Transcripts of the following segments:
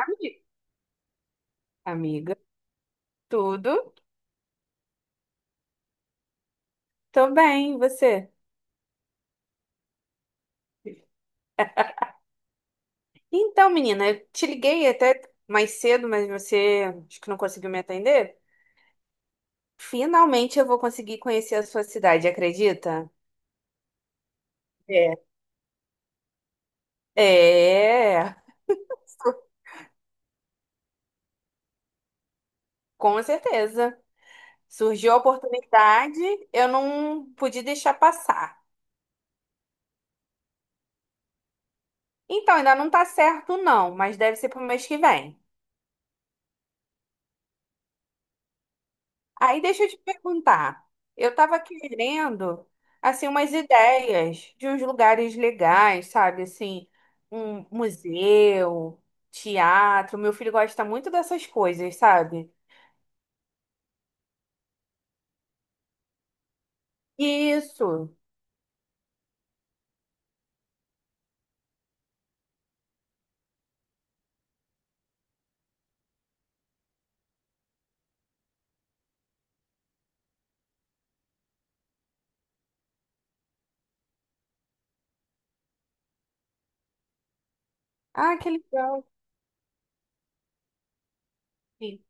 Ami- Amiga, tudo? Tô bem, e você? Então, menina, eu te liguei até mais cedo, mas você acho que não conseguiu me atender. Finalmente eu vou conseguir conhecer a sua cidade, acredita? É. É, com certeza. Surgiu a oportunidade, eu não pude deixar passar. Então, ainda não tá certo, não, mas deve ser pro mês que vem. Aí deixa eu te perguntar. Eu estava querendo, assim, umas ideias de uns lugares legais, sabe? Assim, um museu, teatro. Meu filho gosta muito dessas coisas, sabe? Isso. Ah, que legal. Sim.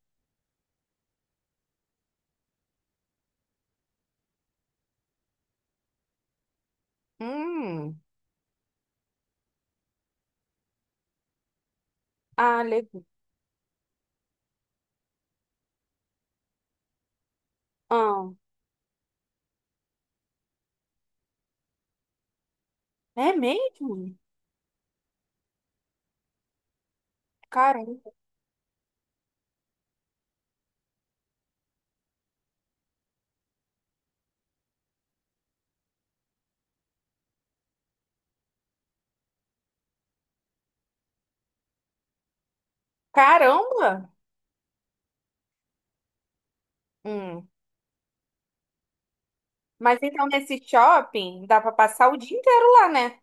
Hum. Ah, legal. Ah, é mesmo? Caramba. Caramba! Hum. Mas então nesse shopping dá para passar o dia inteiro lá, né?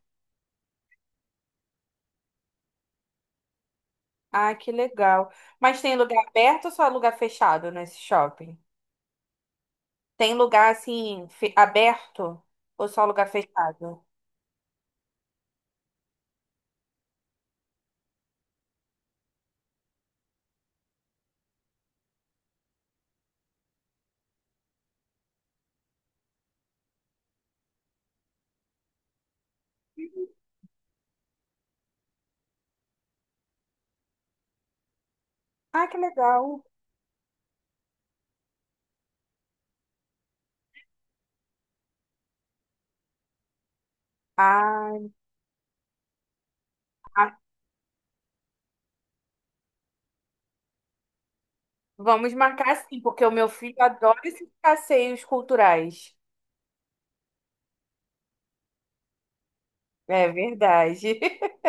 Ah, que legal. Mas tem lugar aberto ou só lugar fechado nesse shopping? Tem lugar assim fe- aberto ou só lugar fechado? Ah, que legal. Ah, ah, vamos marcar sim, porque o meu filho adora esses passeios culturais. É verdade.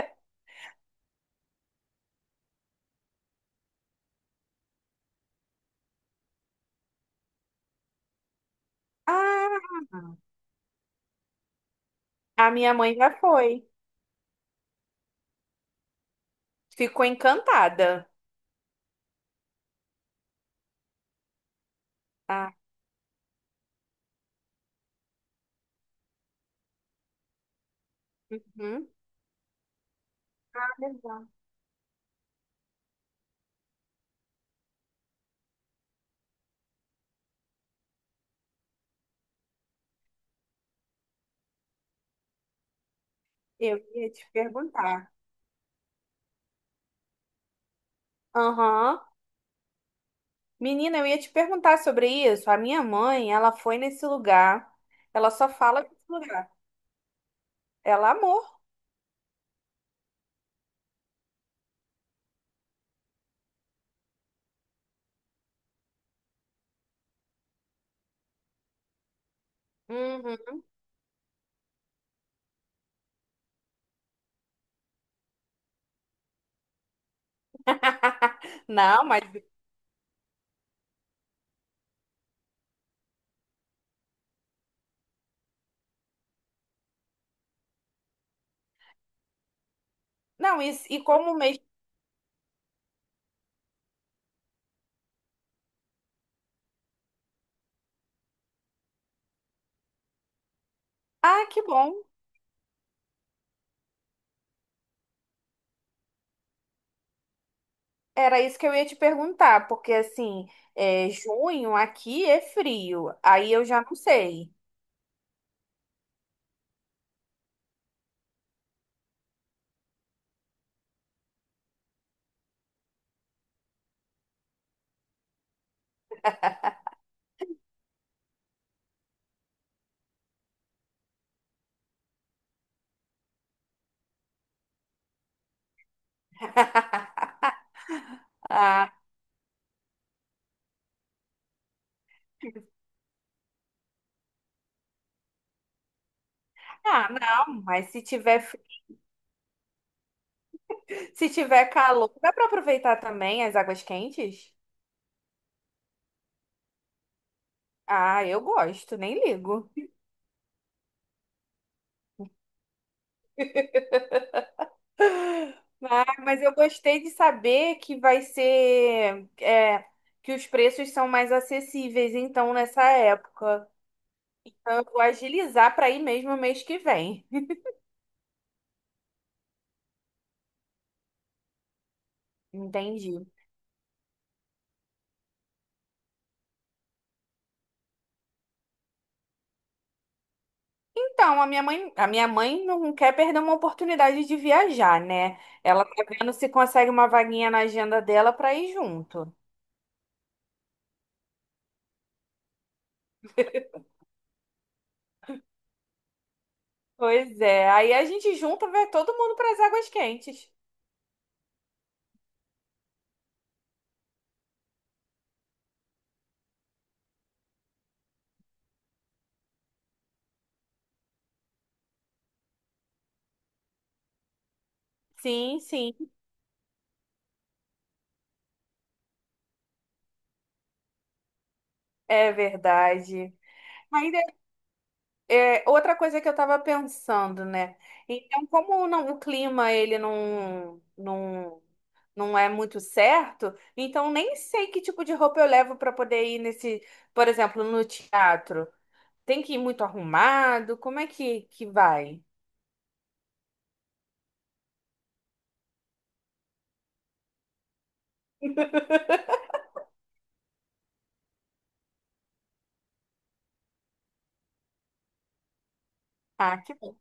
Ah, a minha mãe já foi. Ficou encantada. Ah, uhum. Ah, legal. Eu ia te perguntar. Aham. Menina, eu ia te perguntar sobre isso. A minha mãe, ela foi nesse lugar. Ela só fala desse lugar. Ela amou. Uhum. Não, mas. Não, e como mês. Ah, que bom. Era isso que eu ia te perguntar, porque assim, é, junho aqui é frio. Aí eu já não sei. Ah, ah, não, mas se tiver calor, dá para aproveitar também as águas quentes? Ah, eu gosto, nem ligo. Ah, mas eu gostei de saber que vai ser, é, que os preços são mais acessíveis, então, nessa época. Então, eu vou agilizar para ir mesmo mês que vem. Entendi. Então, a minha mãe não quer perder uma oportunidade de viajar, né? Ela tá vendo se consegue uma vaguinha na agenda dela para ir junto. Pois é, aí a gente junta, vai todo mundo para as águas quentes. Sim, sim, é verdade. Mas é, outra coisa que eu estava pensando, né? Então, como não- o clima ele não é muito certo, então nem sei que tipo de roupa eu levo para poder ir nesse, por exemplo, no teatro. Tem que ir muito arrumado? Como é que vai? Ah, que bom.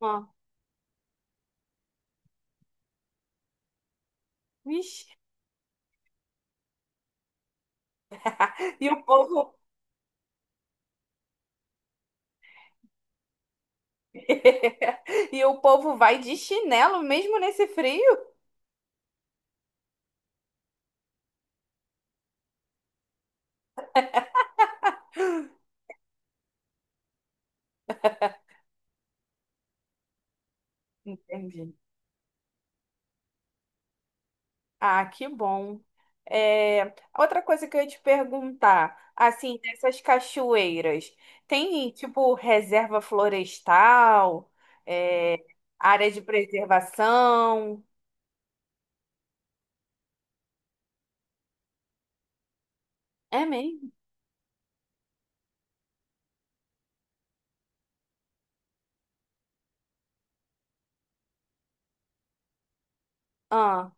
Ó, vixe. E o povo e o povo vai de chinelo mesmo nesse frio? Entendi. Ah, que bom. É, outra coisa que eu ia te perguntar, assim, dessas cachoeiras, tem tipo reserva florestal, é, área de preservação? É mesmo? Ah,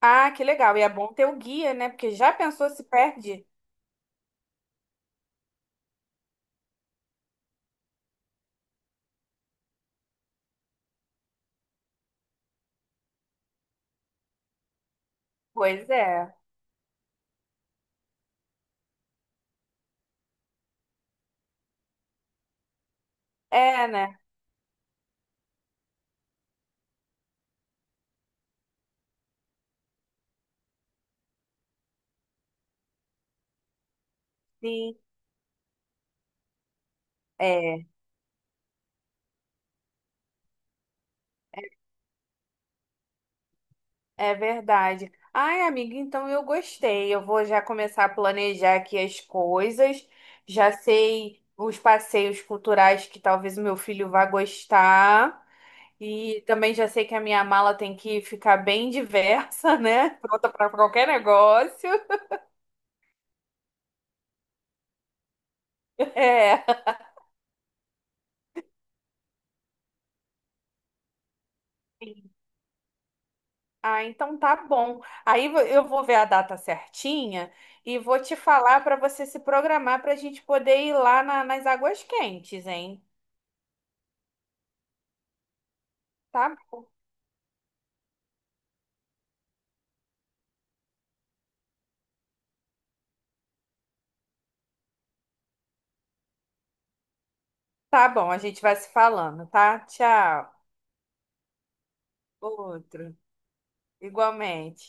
ah, que legal. E é bom ter o guia, né? Porque já pensou se perde? Pois é. É, né? Sim. É. É verdade. Ai, amiga, então eu gostei. Eu vou já começar a planejar aqui as coisas. Já sei os passeios culturais que talvez o meu filho vá gostar. E também já sei que a minha mala tem que ficar bem diversa, né? Pronta para qualquer negócio. É. Ah, então tá bom. Eu vou ver a data certinha e vou te falar para você se programar para a gente poder ir lá nas águas quentes, hein? Tá. Tá bom, a gente vai se falando, tá? Tchau. Outro. Igualmente.